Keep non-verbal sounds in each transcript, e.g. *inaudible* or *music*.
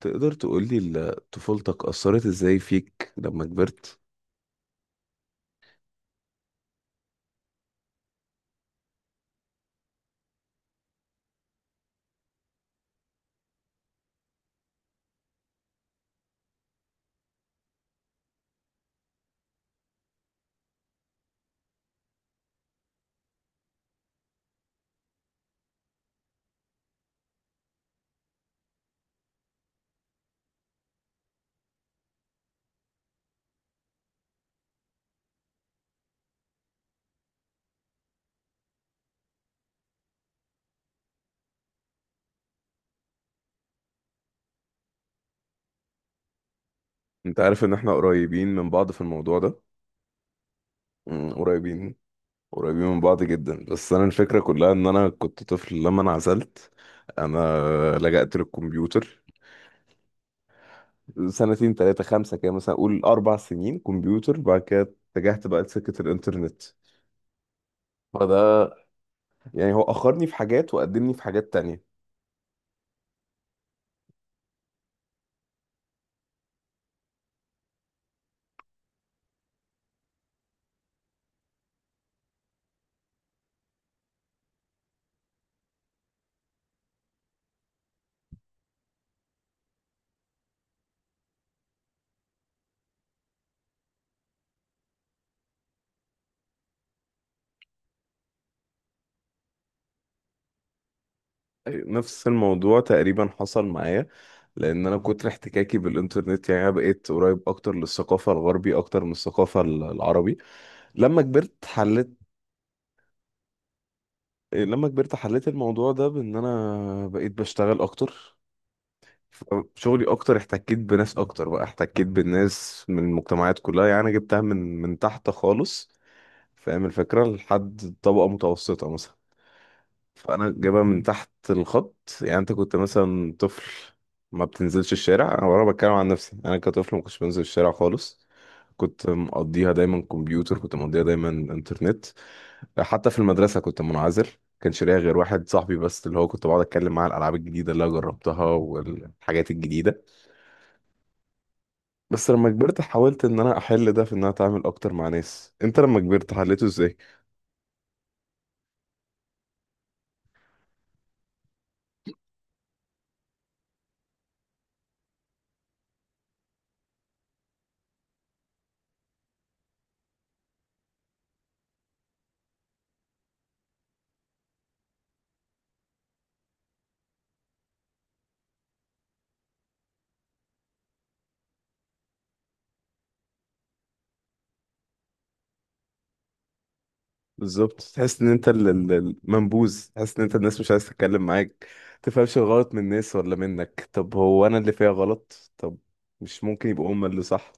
تقدر تقولي طفولتك أثرت إزاي فيك لما كبرت؟ أنت عارف إن إحنا قريبين من بعض في الموضوع ده. قريبين قريبين من بعض جدا، بس أنا الفكرة كلها إن أنا كنت طفل لما انعزلت. أنا لجأت للكمبيوتر سنتين تلاتة خمسة كده، مثلا أقول 4 سنين كمبيوتر. بعد كده اتجهت بقى لسكة الإنترنت. فده يعني هو أخرني في حاجات وقدمني في حاجات تانية. أيوة، نفس الموضوع تقريبا حصل معايا. لان انا كتر احتكاكي بالانترنت يعني أنا بقيت قريب اكتر للثقافه الغربي اكتر من الثقافه العربي. لما كبرت حليت لما كبرت حليت الموضوع ده بان انا بقيت بشتغل اكتر، شغلي اكتر. احتكيت بناس اكتر، بقى احتكيت بالناس من المجتمعات كلها، يعني أنا جبتها من تحت خالص، فاهم الفكره، لحد طبقه متوسطه مثلا. فانا جايبها من تحت الخط. يعني انت كنت مثلا طفل ما بتنزلش الشارع، انا ورا بتكلم عن نفسي، انا كطفل ما كنتش بنزل الشارع خالص. كنت مقضيها دايما كمبيوتر، كنت مقضيها دايما انترنت. حتى في المدرسه كنت منعزل. كانش ليا غير واحد صاحبي بس، اللي هو كنت بقعد اتكلم معاه على الالعاب الجديده اللي انا جربتها والحاجات الجديده. بس لما كبرت حاولت ان انا احل ده في ان انا اتعامل اكتر مع ناس. انت لما كبرت حليته ازاي؟ بالظبط، تحس ان انت المنبوذ، تحس ان انت الناس مش عايز تتكلم معاك. تفهمش الغلط من الناس ولا منك، طب هو انا اللي فيها غلط؟ طب مش ممكن يبقوا هما اللي صح؟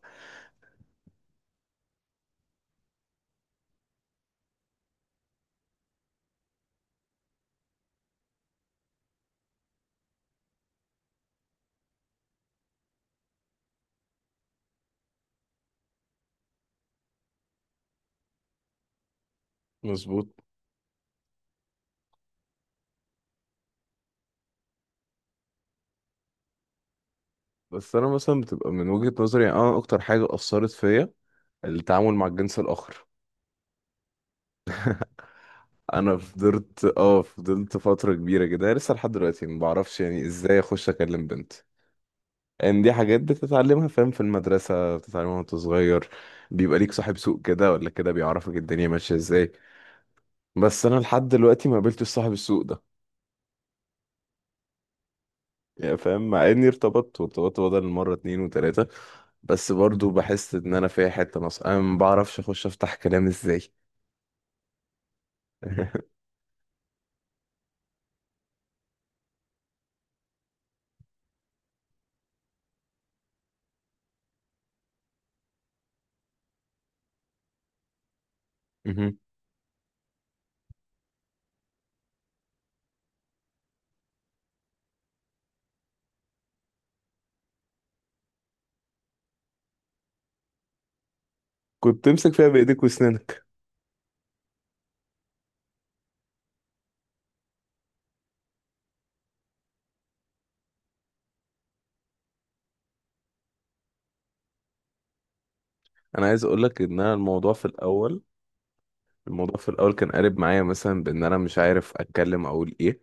مظبوط. بس انا مثلا بتبقى من وجهة نظري، يعني انا اكتر حاجة اثرت فيا التعامل مع الجنس الاخر. انا فضلت فضلت فترة كبيرة كده. أنا لسه لحد دلوقتي ما بعرفش يعني ازاي اخش اكلم بنت. ان دي حاجات بتتعلمها، فاهم، في المدرسة بتتعلمها وانت صغير. بيبقى ليك صاحب سوق كده ولا كده بيعرفك الدنيا ماشية ازاي. بس انا لحد دلوقتي ما قابلتش صاحب السوق ده. يعني فاهم، مع اني ارتبطت وارتبطت بدل مرة اتنين وتلاتة. بس برضو بحس ان انا فيها حتة ناقصة، انا ما بعرفش اخش افتح كلام ازاي. *laughs* مهم. كنت تمسك فيها بايديك واسنانك. انا عايز اقول لك ان انا الموضوع في الاول كان قالب معايا، مثلا بان انا مش عارف اتكلم اقول ايه.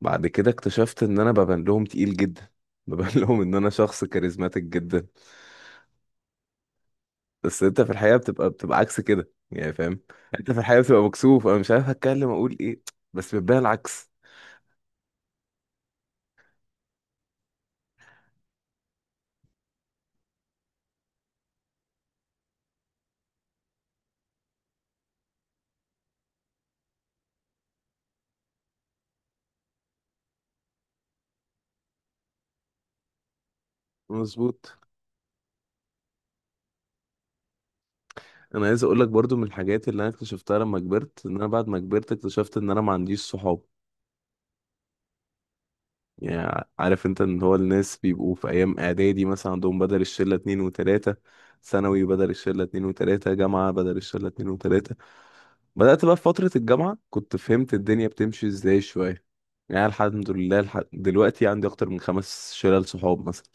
بعد كده اكتشفت ان انا ببان لهم تقيل جدا. *laughs* ببان لهم ان انا شخص كاريزماتيك جدا. بس انت في الحقيقه بتبقى عكس كده، يعني فاهم. انت في الحقيقه بتبقى مكسوف، انا مش عارف اتكلم اقول ايه، بس بتبان العكس. مظبوط. انا عايز اقول لك برضو من الحاجات اللي انا اكتشفتها لما كبرت، ان انا بعد ما كبرت اكتشفت ان انا ما عنديش صحاب. يعني عارف انت، ان هو الناس بيبقوا في ايام اعدادي مثلا عندهم بدل الشله اتنين وتلاته، ثانوي بدل الشله اتنين وتلاته، جامعه بدل الشله اتنين وتلاته. بدأت بقى في فترة الجامعة كنت فهمت الدنيا بتمشي ازاي شوية. يعني الحمد لله، دلوقتي عندي أكتر من 5 شلال صحاب مثلا.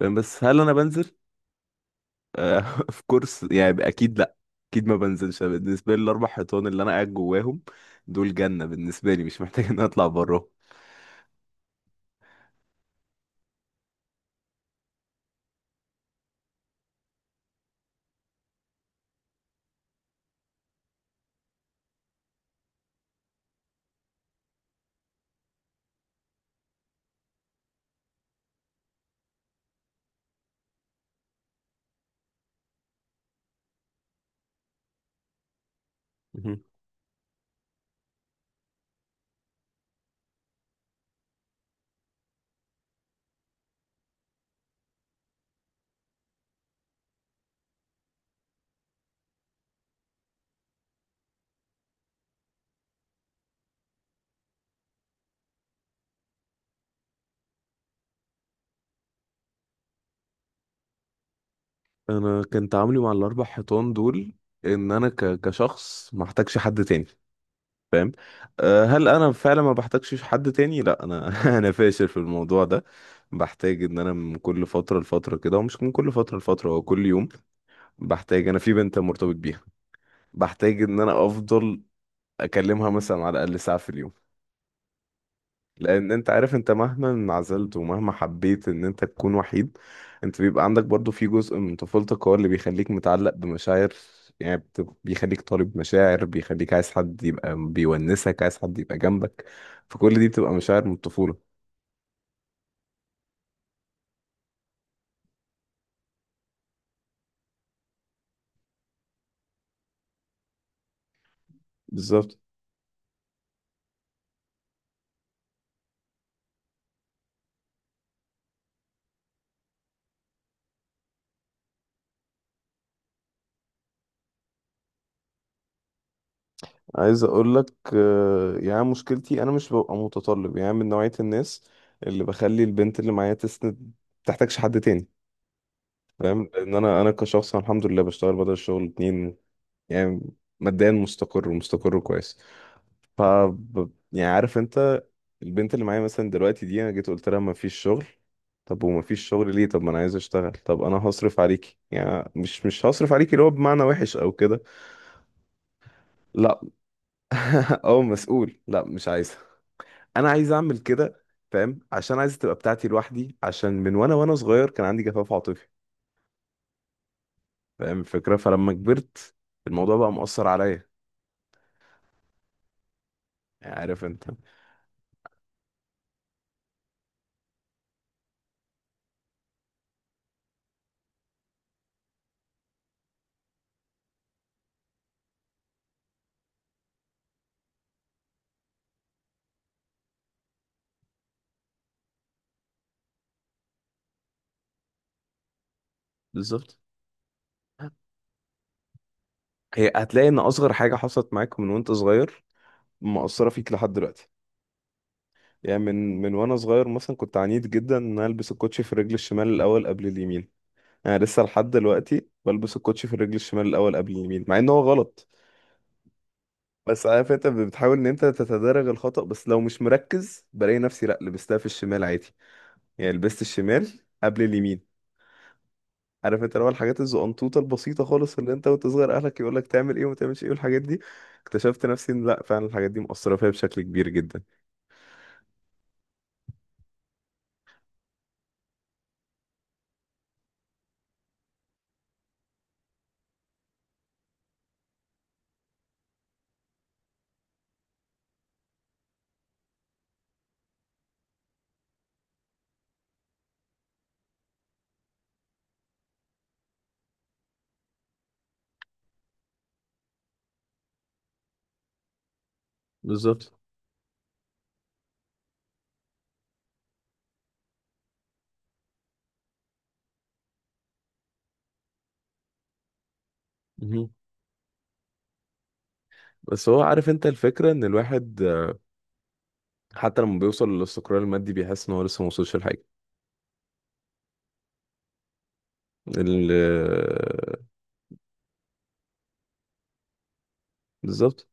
فاهم؟ بس هل أنا بنزل؟ آه، *laughs* في كورس يعني أكيد لأ. أكيد ما بنزلش أنا، بالنسبة لي الأربع حيطان اللي أنا قاعد جواهم دول جنة بالنسبة لي، مش محتاج إن أنا أطلع براهم. انا كان تعاملي مع الاربع حيطان دول ان انا كشخص ما احتاجش حد تاني، فاهم. هل انا فعلا ما بحتاجش حد تاني؟ لا انا، *laughs* انا فاشل في الموضوع ده. بحتاج ان انا من كل فتره لفتره كده، ومش من كل فتره لفتره، هو كل يوم. بحتاج انا في بنت مرتبط بيها، بحتاج ان انا افضل اكلمها مثلا على الاقل ساعه في اليوم. لان انت عارف، انت مهما انعزلت ومهما حبيت ان انت تكون وحيد، انت بيبقى عندك برضو في جزء من طفولتك هو اللي بيخليك متعلق بمشاعر. يعني بيخليك طالب مشاعر، بيخليك عايز حد يبقى بيونسك، عايز حد يبقى جنبك. فكل دي بتبقى مشاعر من الطفولة. بالظبط. عايز اقول لك يعني مشكلتي انا مش ببقى متطلب، يعني من نوعية الناس اللي بخلي البنت اللي معايا تسند، تحتاجش حد تاني، فاهم. لان انا كشخص، أنا الحمد لله بشتغل بدل الشغل اتنين، يعني ماديا مستقر ومستقر كويس. ف يعني عارف انت، البنت اللي معايا مثلا دلوقتي دي انا جيت قلت لها ما فيش شغل. طب وما فيش شغل ليه؟ طب ما انا عايز اشتغل. طب انا هصرف عليكي، يعني مش هصرف عليكي اللي هو بمعنى وحش او كده. لا. *laughs* او مسؤول. لا مش عايزه، انا عايز اعمل كده، فاهم، عشان عايز تبقى بتاعتي لوحدي، عشان من وانا صغير كان عندي جفاف عاطفي، فاهم الفكره. فلما كبرت الموضوع بقى مؤثر عليا، يعني عارف انت. بالظبط. هي هتلاقي ان اصغر حاجه حصلت معاك من وانت صغير، مأثره فيك لحد دلوقتي. يعني من وانا صغير مثلا كنت عنيد جدا ان أنا البس الكوتشي في الرجل الشمال الاول قبل اليمين. انا لسه لحد دلوقتي بلبس الكوتشي في الرجل الشمال الاول قبل اليمين، مع ان هو غلط. بس عارف انت، بتحاول ان انت تتدرج الخطأ، بس لو مش مركز بلاقي نفسي لا لبستها في الشمال عادي، يعني لبست الشمال قبل اليمين. عارف انت، اللي هو الحاجات الزقنطوطه البسيطه خالص اللي انت وانت صغير اهلك يقول لك تعمل ايه وما تعملش ايه والحاجات دي، اكتشفت نفسي ان لا فعلا الحاجات دي مؤثره فيا بشكل كبير جدا. بالظبط. مهم. بس هو عارف انت الفكره، ان الواحد حتى لما بيوصل للاستقرار المادي بيحس ان هو لسه ما وصلش لحاجه. ال- بالظبط.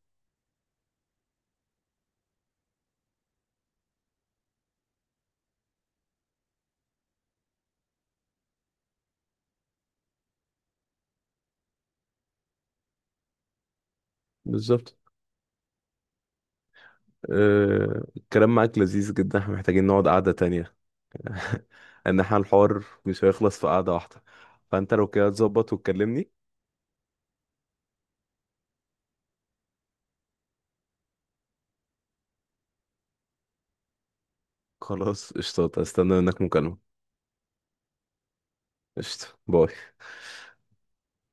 بالظبط. الكلام معاك لذيذ جدا، احنا محتاجين نقعد قعده تانية. *laughs* ان احنا الحوار مش هيخلص في قعده واحده، فانت لو كده تظبط وتكلمني. خلاص قشطة، استنى منك مكالمه. قشطة باي.